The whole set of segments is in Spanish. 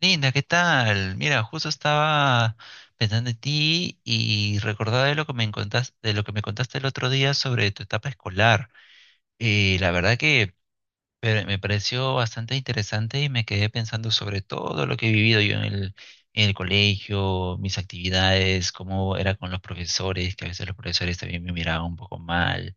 Linda, ¿qué tal? Mira, justo estaba pensando en ti y recordaba de lo que me contaste, el otro día sobre tu etapa escolar. Y la verdad que me pareció bastante interesante y me quedé pensando sobre todo lo que he vivido yo en el colegio, mis actividades, cómo era con los profesores, que a veces los profesores también me miraban un poco mal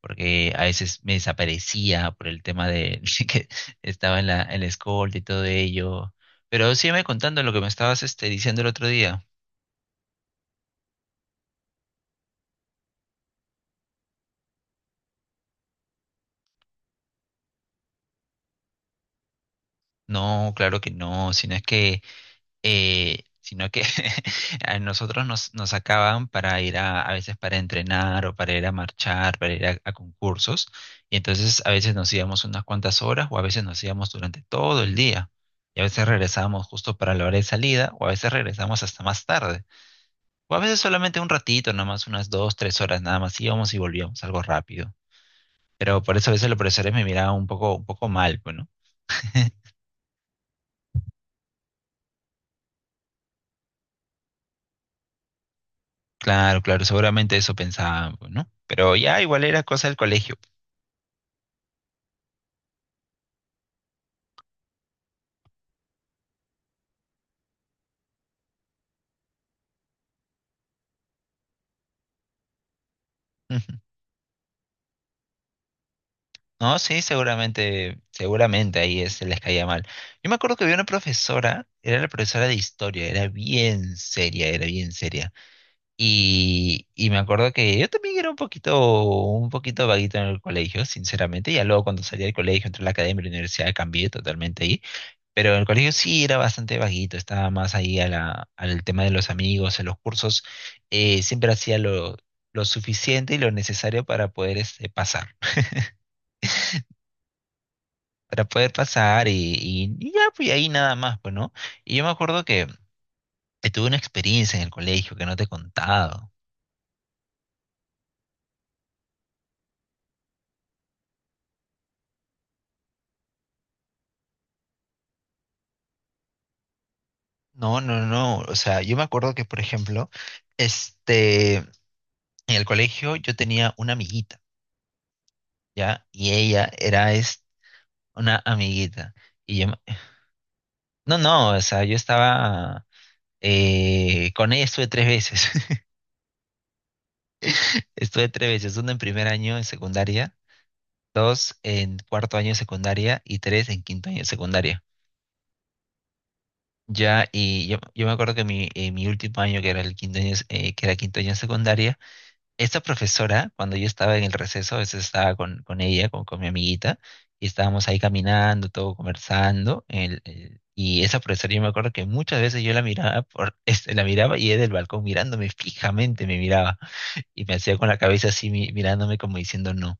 porque a veces me desaparecía por el tema de que estaba en la escolta y todo ello. Pero sígueme contando lo que me estabas diciendo el otro día. No, claro que no, sino que a nosotros nos sacaban para ir a veces para entrenar o para ir a marchar, para ir a concursos. Y entonces a veces nos íbamos unas cuantas horas o a veces nos íbamos durante todo el día. Y a veces regresábamos justo para la hora de salida o a veces regresábamos hasta más tarde. O a veces solamente un ratito, nomás unas 2, 3 horas nada más, íbamos y volvíamos, algo rápido. Pero por eso a veces los profesores me miraban un poco mal, pues, ¿no? Claro, claro, seguramente eso pensaban, pues, ¿no? Pero ya igual era cosa del colegio. Ujú. No, sí, seguramente, seguramente ahí se les caía mal. Yo me acuerdo que había una profesora, era la profesora de historia, era bien seria, era bien seria. Y me acuerdo que yo también era un poquito vaguito en el colegio, sinceramente. Ya luego cuando salí del colegio, entré a la academia y la universidad, cambié totalmente ahí. Pero en el colegio sí era bastante vaguito, estaba más ahí al tema de los amigos, en los cursos. Siempre hacía lo suficiente y lo necesario para poder pasar, para poder pasar y ya, pues ahí nada más, pues, ¿no? Y yo me acuerdo que tuve una experiencia en el colegio que no te he contado. No, no, no. O sea, yo me acuerdo que, por ejemplo, en el colegio yo tenía una amiguita, ¿ya? Y ella era es una amiguita. Y yo, no, no, o sea, yo estaba, con ella estuve tres veces. Estuve tres veces, una en primer año en secundaria, dos en cuarto año de secundaria y tres en quinto año de secundaria. Ya, y yo me acuerdo que mi último año, que era el quinto año, que era quinto año de secundaria, esta profesora, cuando yo estaba en el receso, a veces estaba con ella, con mi amiguita, y estábamos ahí caminando, todo conversando, y esa profesora yo me acuerdo que muchas veces yo la miraba, la miraba y ella del balcón mirándome fijamente me miraba, y me hacía con la cabeza así mirándome como diciendo no,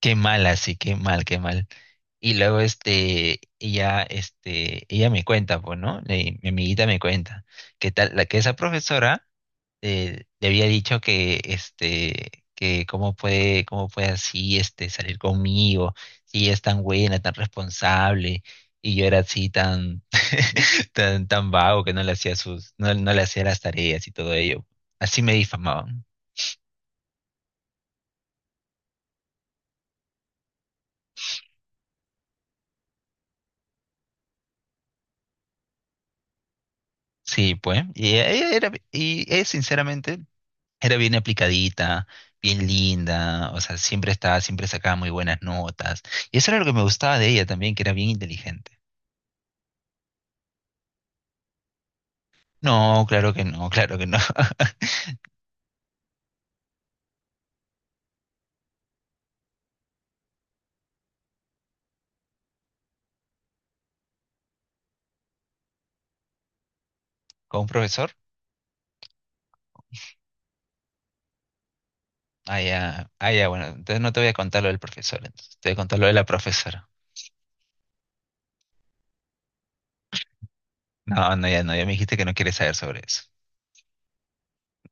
qué mal así, qué mal, qué mal. Y luego ella me cuenta, pues, ¿no? Mi amiguita me cuenta que tal, la que esa profesora le había dicho que que cómo puede así salir conmigo si ella es tan buena, tan responsable, y yo era así tan tan vago, que no le hacía sus no, no le hacía las tareas y todo ello. Así me difamaban. Sí, pues. Y ella, sinceramente, era bien aplicadita, bien linda. O sea, siempre estaba, siempre sacaba muy buenas notas, y eso era lo que me gustaba de ella también, que era bien inteligente. No, claro que no, claro que no. ¿Con un profesor? Ah, ya, ah, ya, bueno, entonces no te voy a contar lo del profesor, entonces te voy a contar lo de la profesora. No, no, ya no, ya me dijiste que no quieres saber sobre eso.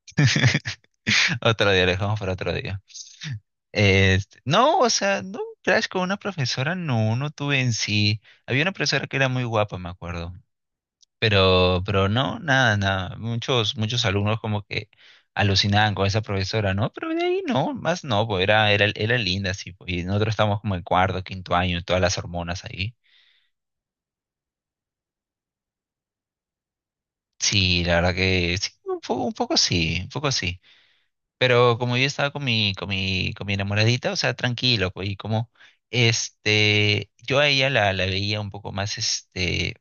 Otro día, lo dejamos para otro día. No, o sea, no, crash con una profesora, no, no tuve en sí. Había una profesora que era muy guapa, me acuerdo. Pero no, nada, nada. Muchos, muchos alumnos como que alucinaban con esa profesora, ¿no? Pero de ahí no, más no, pues era linda, sí, pues. Y nosotros estábamos como en cuarto, quinto año, todas las hormonas ahí. Sí, la verdad que sí, un poco sí, un poco sí. Pero como yo estaba con mi enamoradita, o sea, tranquilo, pues, y como, yo a ella la veía un poco más, este,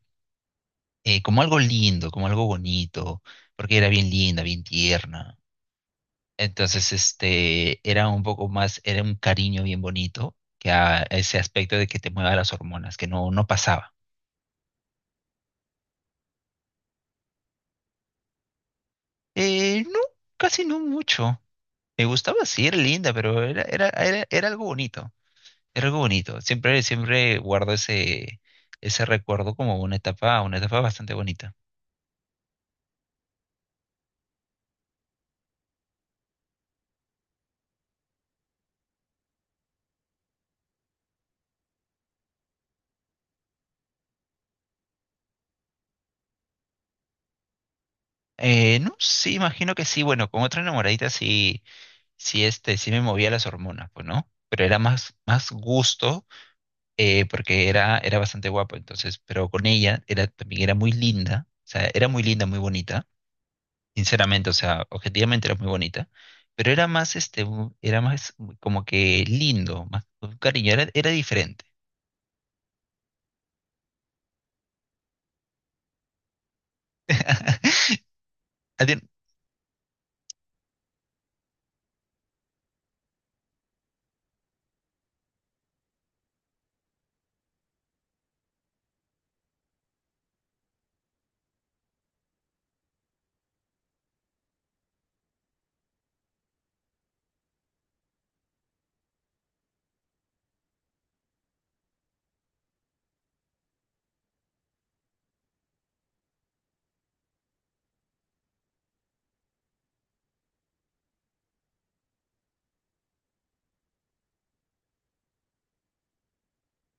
eh, como algo lindo, como algo bonito, porque era bien linda, bien tierna. Entonces, era un poco más, era un cariño bien bonito, que a ese aspecto de que te mueva las hormonas, que no, no pasaba. No, casi no mucho. Me gustaba, sí, era linda, pero era algo bonito, era algo bonito. Siempre, siempre guardo ese recuerdo como una etapa bastante bonita. No, sí, imagino que sí, bueno, con otra enamoradita sí, sí, sí me movía las hormonas, pues, ¿no? Pero era más, más gusto, porque era bastante guapo, entonces, pero con ella era, también era muy linda, o sea, era muy linda, muy bonita, sinceramente, o sea, objetivamente era muy bonita, pero era más, era más como que lindo, más con cariño, era diferente. A ti-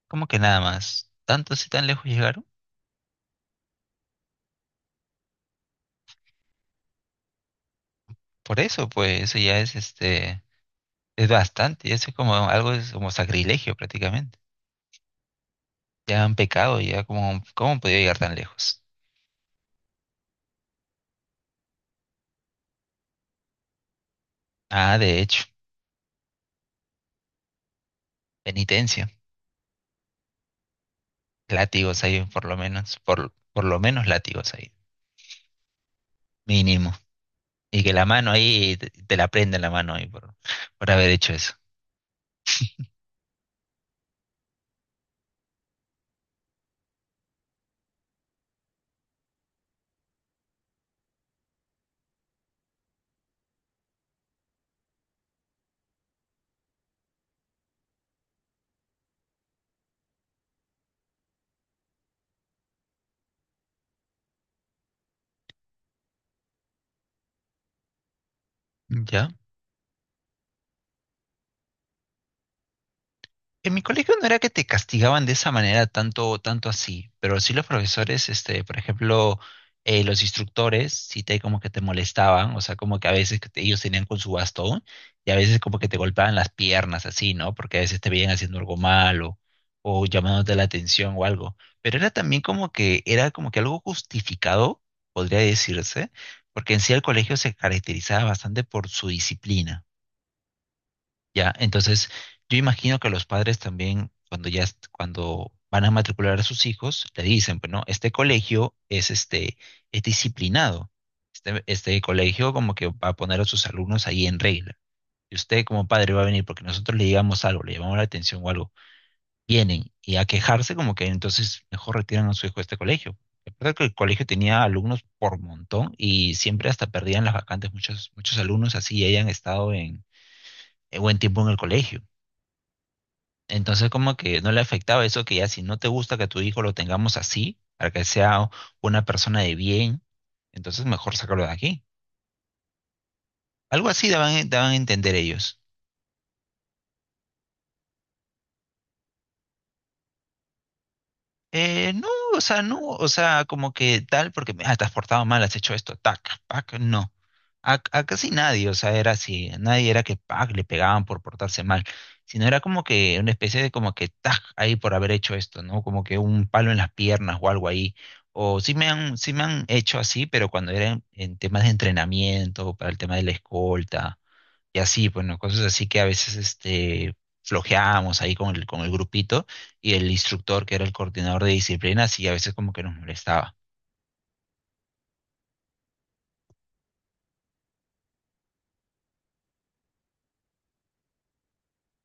Como que nada más, tantos y tan lejos llegaron, por eso, pues, eso ya es, es bastante, eso es como algo, es como sacrilegio prácticamente, ya han pecado, ya como, ¿cómo han podido llegar tan lejos? Ah, de hecho, penitencia. Látigos hay por lo menos, por lo menos látigos hay, mínimo. Y que la mano ahí, te la prenda la mano ahí por haber hecho eso. ¿Ya? En mi colegio no era que te castigaban de esa manera tanto, tanto así, pero sí los profesores, por ejemplo, los instructores, sí te como que te molestaban, o sea, como que a veces que ellos tenían con su bastón y a veces como que te golpeaban las piernas así, ¿no? Porque a veces te veían haciendo algo malo o llamándote la atención o algo. Pero era también como que, era como que algo justificado, podría decirse, porque en sí el colegio se caracterizaba bastante por su disciplina. Ya, entonces yo imagino que los padres también, cuando ya, cuando van a matricular a sus hijos, le dicen, pues no, este colegio es es disciplinado. Este colegio como que va a poner a sus alumnos ahí en regla. Y usted como padre va a venir porque nosotros le digamos algo, le llamamos la atención o algo. Vienen y a quejarse como que entonces mejor retiran a su hijo de este colegio. La verdad que el colegio tenía alumnos por montón y siempre hasta perdían las vacantes muchos, muchos alumnos así hayan estado en buen tiempo en el colegio. Entonces como que no le afectaba eso que ya si no te gusta que tu hijo lo tengamos así, para que sea una persona de bien, entonces mejor sacarlo de aquí. Algo así daban a entender ellos. No, o sea, no, o sea, como que tal, porque ah, te has portado mal, has hecho esto, tac, pac, no. A casi nadie, o sea, era así, nadie era que pac, le pegaban por portarse mal, sino era como que una especie de como que tac, ahí por haber hecho esto, ¿no? Como que un palo en las piernas o algo ahí. O sí me han hecho así, pero cuando era en temas de entrenamiento, para el tema de la escolta y así, bueno, cosas así que a veces flojeábamos ahí con el grupito y el instructor, que era el coordinador de disciplina, sí, a veces como que nos molestaba.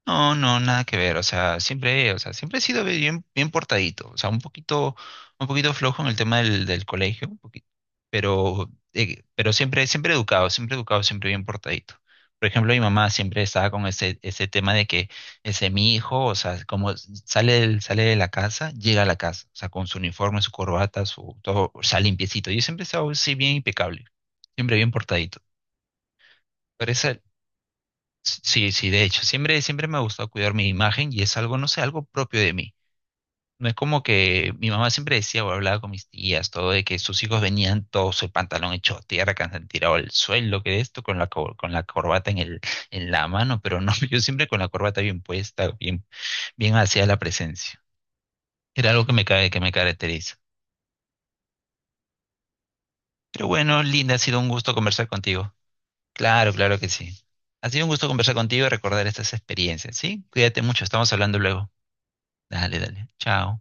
No, no, nada que ver, o sea, siempre he sido bien, bien portadito, o sea, un poquito flojo en el tema del colegio, un poquito, pero siempre, siempre educado, siempre educado, siempre bien portadito. Por ejemplo, mi mamá siempre estaba con ese tema de que ese mi hijo, o sea, como sale, sale de la casa, llega a la casa, o sea, con su uniforme, su corbata, su todo, o sea, limpiecito. Yo siempre he estado así bien impecable, siempre bien portadito. Pero esa Sí, sí, de hecho, siempre, siempre me ha gustado cuidar mi imagen y es algo, no sé, algo propio de mí. No es como que mi mamá siempre decía o hablaba con mis tías, todo de que sus hijos venían todos el pantalón hecho tierra, que han tirado al suelo, que esto, con la corbata en la mano, pero no, yo siempre con la corbata bien puesta, bien, bien hacia la presencia. Era algo que me caracteriza. Pero bueno, Linda, ha sido un gusto conversar contigo. Claro, claro que sí. Ha sido un gusto conversar contigo y recordar estas experiencias, ¿sí? Cuídate mucho, estamos hablando luego. Dale, dale. Chao.